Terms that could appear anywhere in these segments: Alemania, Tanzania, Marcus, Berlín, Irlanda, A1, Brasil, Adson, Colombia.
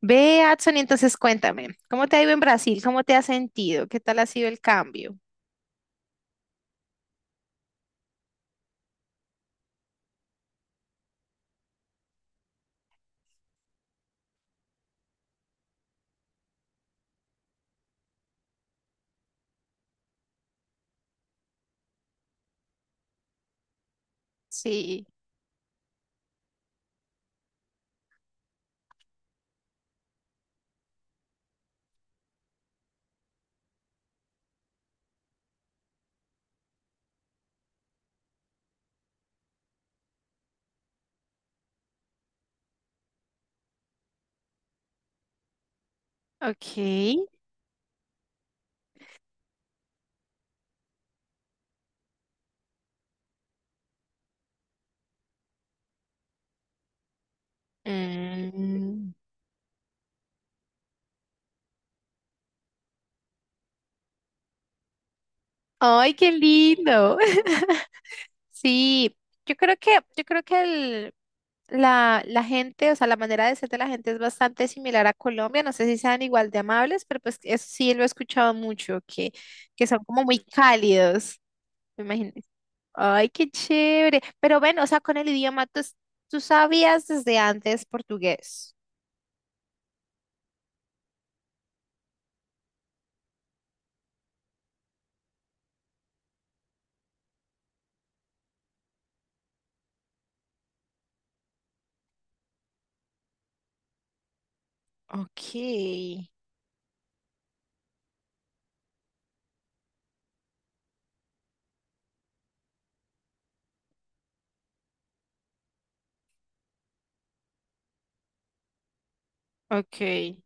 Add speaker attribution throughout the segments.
Speaker 1: Ve, Adson, y entonces cuéntame, ¿cómo te ha ido en Brasil? ¿Cómo te has sentido? ¿Qué tal ha sido el cambio? Sí, ok. Mm. Ay, qué lindo. Sí, yo creo que la gente, o sea, la manera de ser de la gente es bastante similar a Colombia. No sé si sean igual de amables, pero pues eso sí lo he escuchado mucho, que son como muy cálidos, me imagino. Ay, qué chévere. Pero bueno, o sea, con el idioma, tú sabías desde antes portugués. Okay, okay,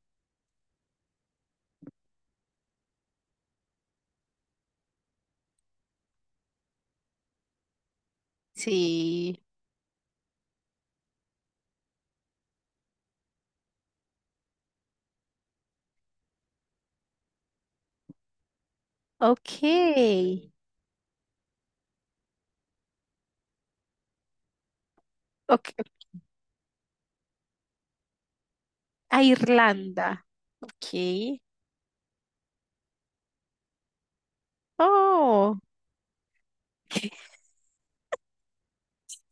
Speaker 1: sí, Okay. Okay, a Irlanda. Okay. Oh.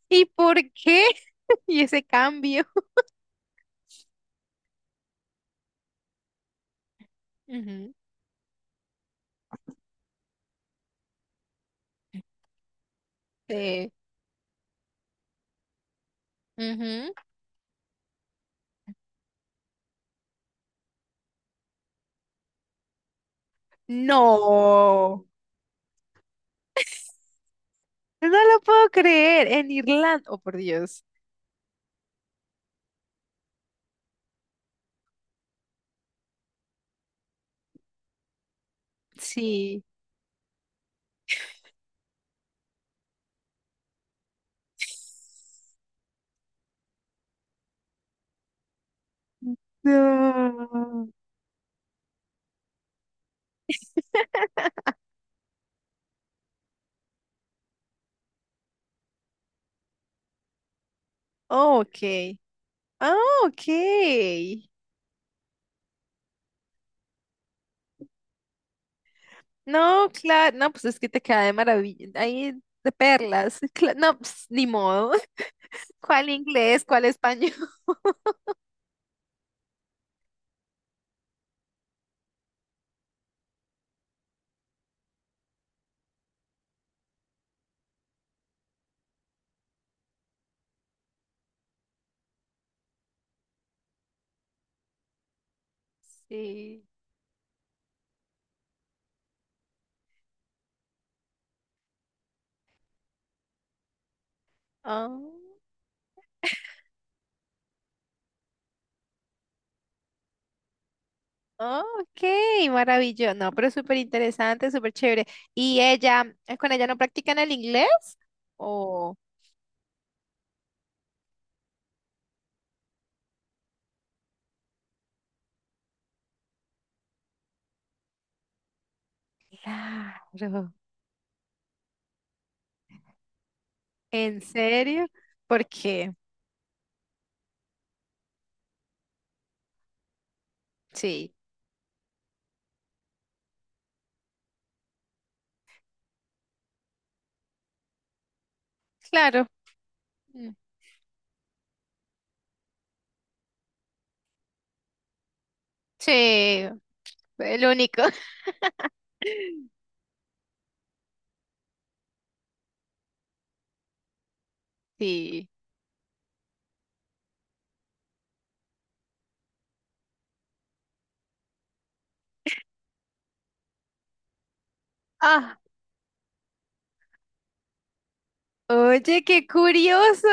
Speaker 1: ¿Y por qué? ¿Y ese cambio? Ujú, eh, ujú, no. No lo puedo creer. En Irlanda. Oh, por Dios. Sí, no. Oh, ok. Ah, okay. No, claro, no, pues es que te queda de maravilla, ahí de perlas. No, pues, ni modo. ¿Cuál inglés? ¿Cuál español? Sí. Oh, oh, ok, maravilloso. No, pero súper interesante, súper chévere. ¿Y ella, con ella no practican el inglés? Oh, claro. ¿En serio? ¿Por qué? Sí, claro. Mm, sí, el único. Sí. Ah, oye, qué curioso.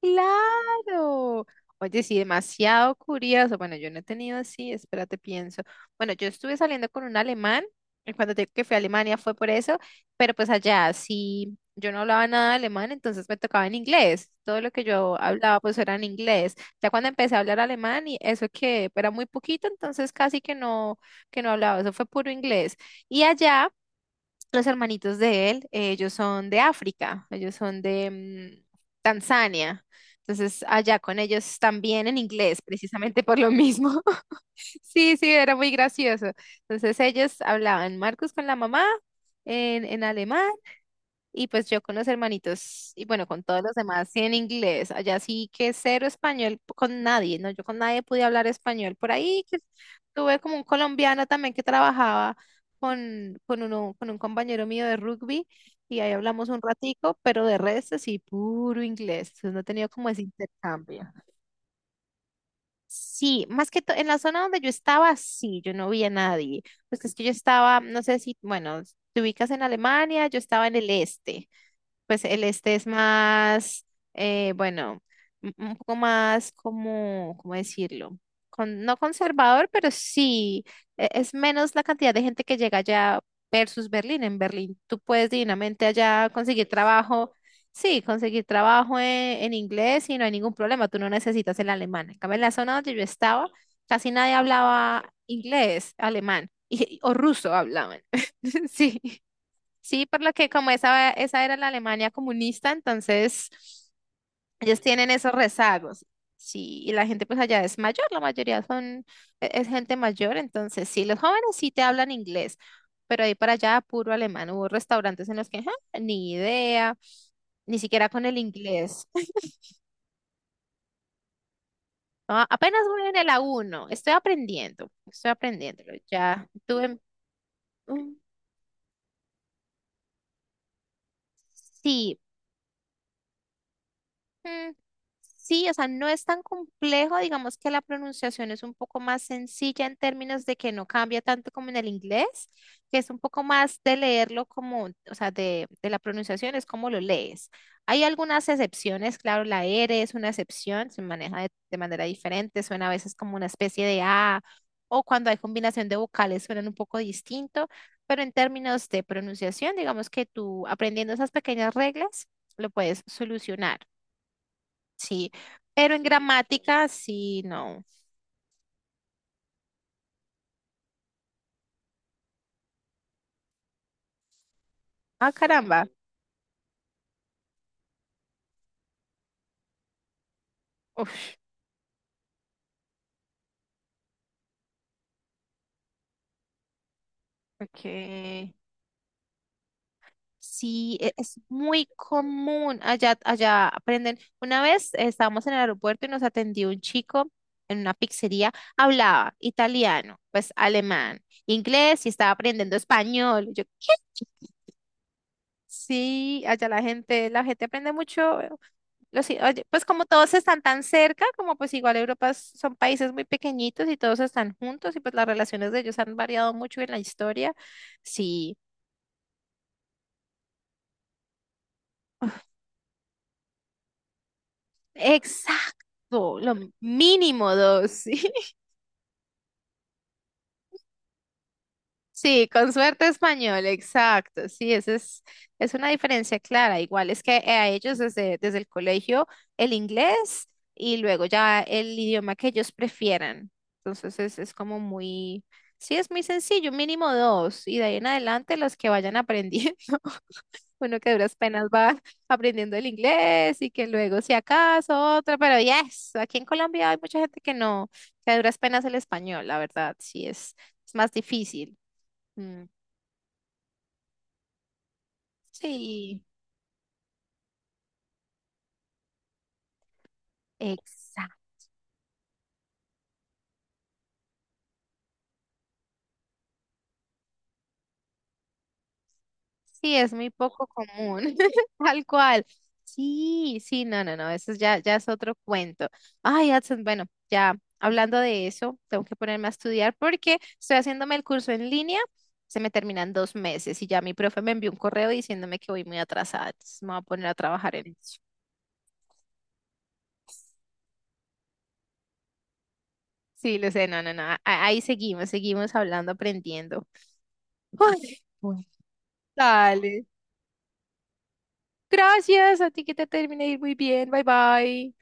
Speaker 1: Claro. Oye, sí, demasiado curioso. Bueno, yo no he tenido así, espérate, pienso. Bueno, yo estuve saliendo con un alemán, y cuando te digo que fui a Alemania fue por eso, pero pues allá sí, yo no hablaba nada de alemán, entonces me tocaba en inglés. Todo lo que yo hablaba pues era en inglés. Ya cuando empecé a hablar alemán y eso que era muy poquito, entonces casi que no hablaba, eso fue puro inglés. Y allá... Los hermanitos de él, ellos son de África, ellos son de Tanzania. Entonces, allá con ellos también en inglés, precisamente por lo mismo. Sí, sí, era muy gracioso. Entonces, ellos hablaban Marcus con la mamá en alemán y pues yo con los hermanitos y bueno, con todos los demás sí, en inglés. Allá sí que cero español con nadie, ¿no? Yo con nadie pude hablar español. Por ahí que tuve como un colombiano también que trabajaba con uno, con un compañero mío de rugby y ahí hablamos un ratico, pero de resto sí, puro inglés. Entonces no he tenido como ese intercambio. Sí, más que todo en la zona donde yo estaba, sí, yo no vi a nadie. Pues es que yo estaba, no sé si, bueno, te ubicas en Alemania, yo estaba en el este, pues el este es más, bueno, un poco más como, ¿cómo decirlo? Con, no conservador, pero sí, es menos la cantidad de gente que llega allá versus Berlín. En Berlín tú puedes divinamente allá conseguir trabajo, sí, conseguir trabajo en inglés y no hay ningún problema, tú no necesitas el alemán. En cambio, en la zona donde yo estaba, casi nadie hablaba inglés, alemán o ruso hablaban. Sí. Sí, por lo que como esa era la Alemania comunista, entonces ellos tienen esos rezagos. Sí, y la gente pues allá es mayor, la mayoría son, es gente mayor, entonces sí, los jóvenes sí te hablan inglés, pero ahí para allá puro alemán. Hubo restaurantes en los que, "Ja, ni idea, ni siquiera con el inglés. "Ah, apenas voy en el A1, estoy aprendiendo, estoy aprendiéndolo. Ya tuve, mm, sí, mm, sí, o sea, no es tan complejo, digamos que la pronunciación es un poco más sencilla en términos de que no cambia tanto como en el inglés, que es un poco más de leerlo como, o sea, de la pronunciación es como lo lees. Hay algunas excepciones, claro, la R es una excepción, se maneja de manera diferente, suena a veces como una especie de A, o cuando hay combinación de vocales suenan un poco distinto, pero en términos de pronunciación, digamos que tú aprendiendo esas pequeñas reglas, lo puedes solucionar. Sí, pero en gramática sí, no. Ah, caramba. Uf, ok. Sí, es muy común. Allá, allá aprenden. Una vez estábamos en el aeropuerto y nos atendió un chico en una pizzería. Hablaba italiano, pues alemán, inglés y estaba aprendiendo español. Yo, ¿qué? Sí, allá la gente aprende mucho. Oye, pues como todos están tan cerca, como pues igual Europa son países muy pequeñitos y todos están juntos y pues las relaciones de ellos han variado mucho en la historia. Sí, exacto, lo mínimo dos, sí. Sí, con suerte español, exacto. Sí, esa es una diferencia clara. Igual es que a ellos desde el colegio el inglés y luego ya el idioma que ellos prefieran. Entonces es como muy, sí, es muy sencillo, mínimo dos. Y de ahí en adelante los que vayan aprendiendo, uno que a duras penas va aprendiendo el inglés y que luego si acaso otra, pero yes, aquí en Colombia hay mucha gente que no, que a duras penas el español, la verdad, sí es más difícil. Mm. Sí, exacto. Sí, es muy poco común, tal cual. Sí, sí, no, no, no, eso es ya, ya es otro cuento. Ay, Adson, bueno, ya hablando de eso, tengo que ponerme a estudiar porque estoy haciéndome el curso en línea, se me terminan 2 meses y ya mi profe me envió un correo diciéndome que voy muy atrasada, entonces me voy a poner a trabajar en eso. Sí, lo sé, no, no, no, ahí seguimos, seguimos hablando, aprendiendo. Ay, bueno, dale. Gracias, a ti que te termine de ir muy bien, bye bye.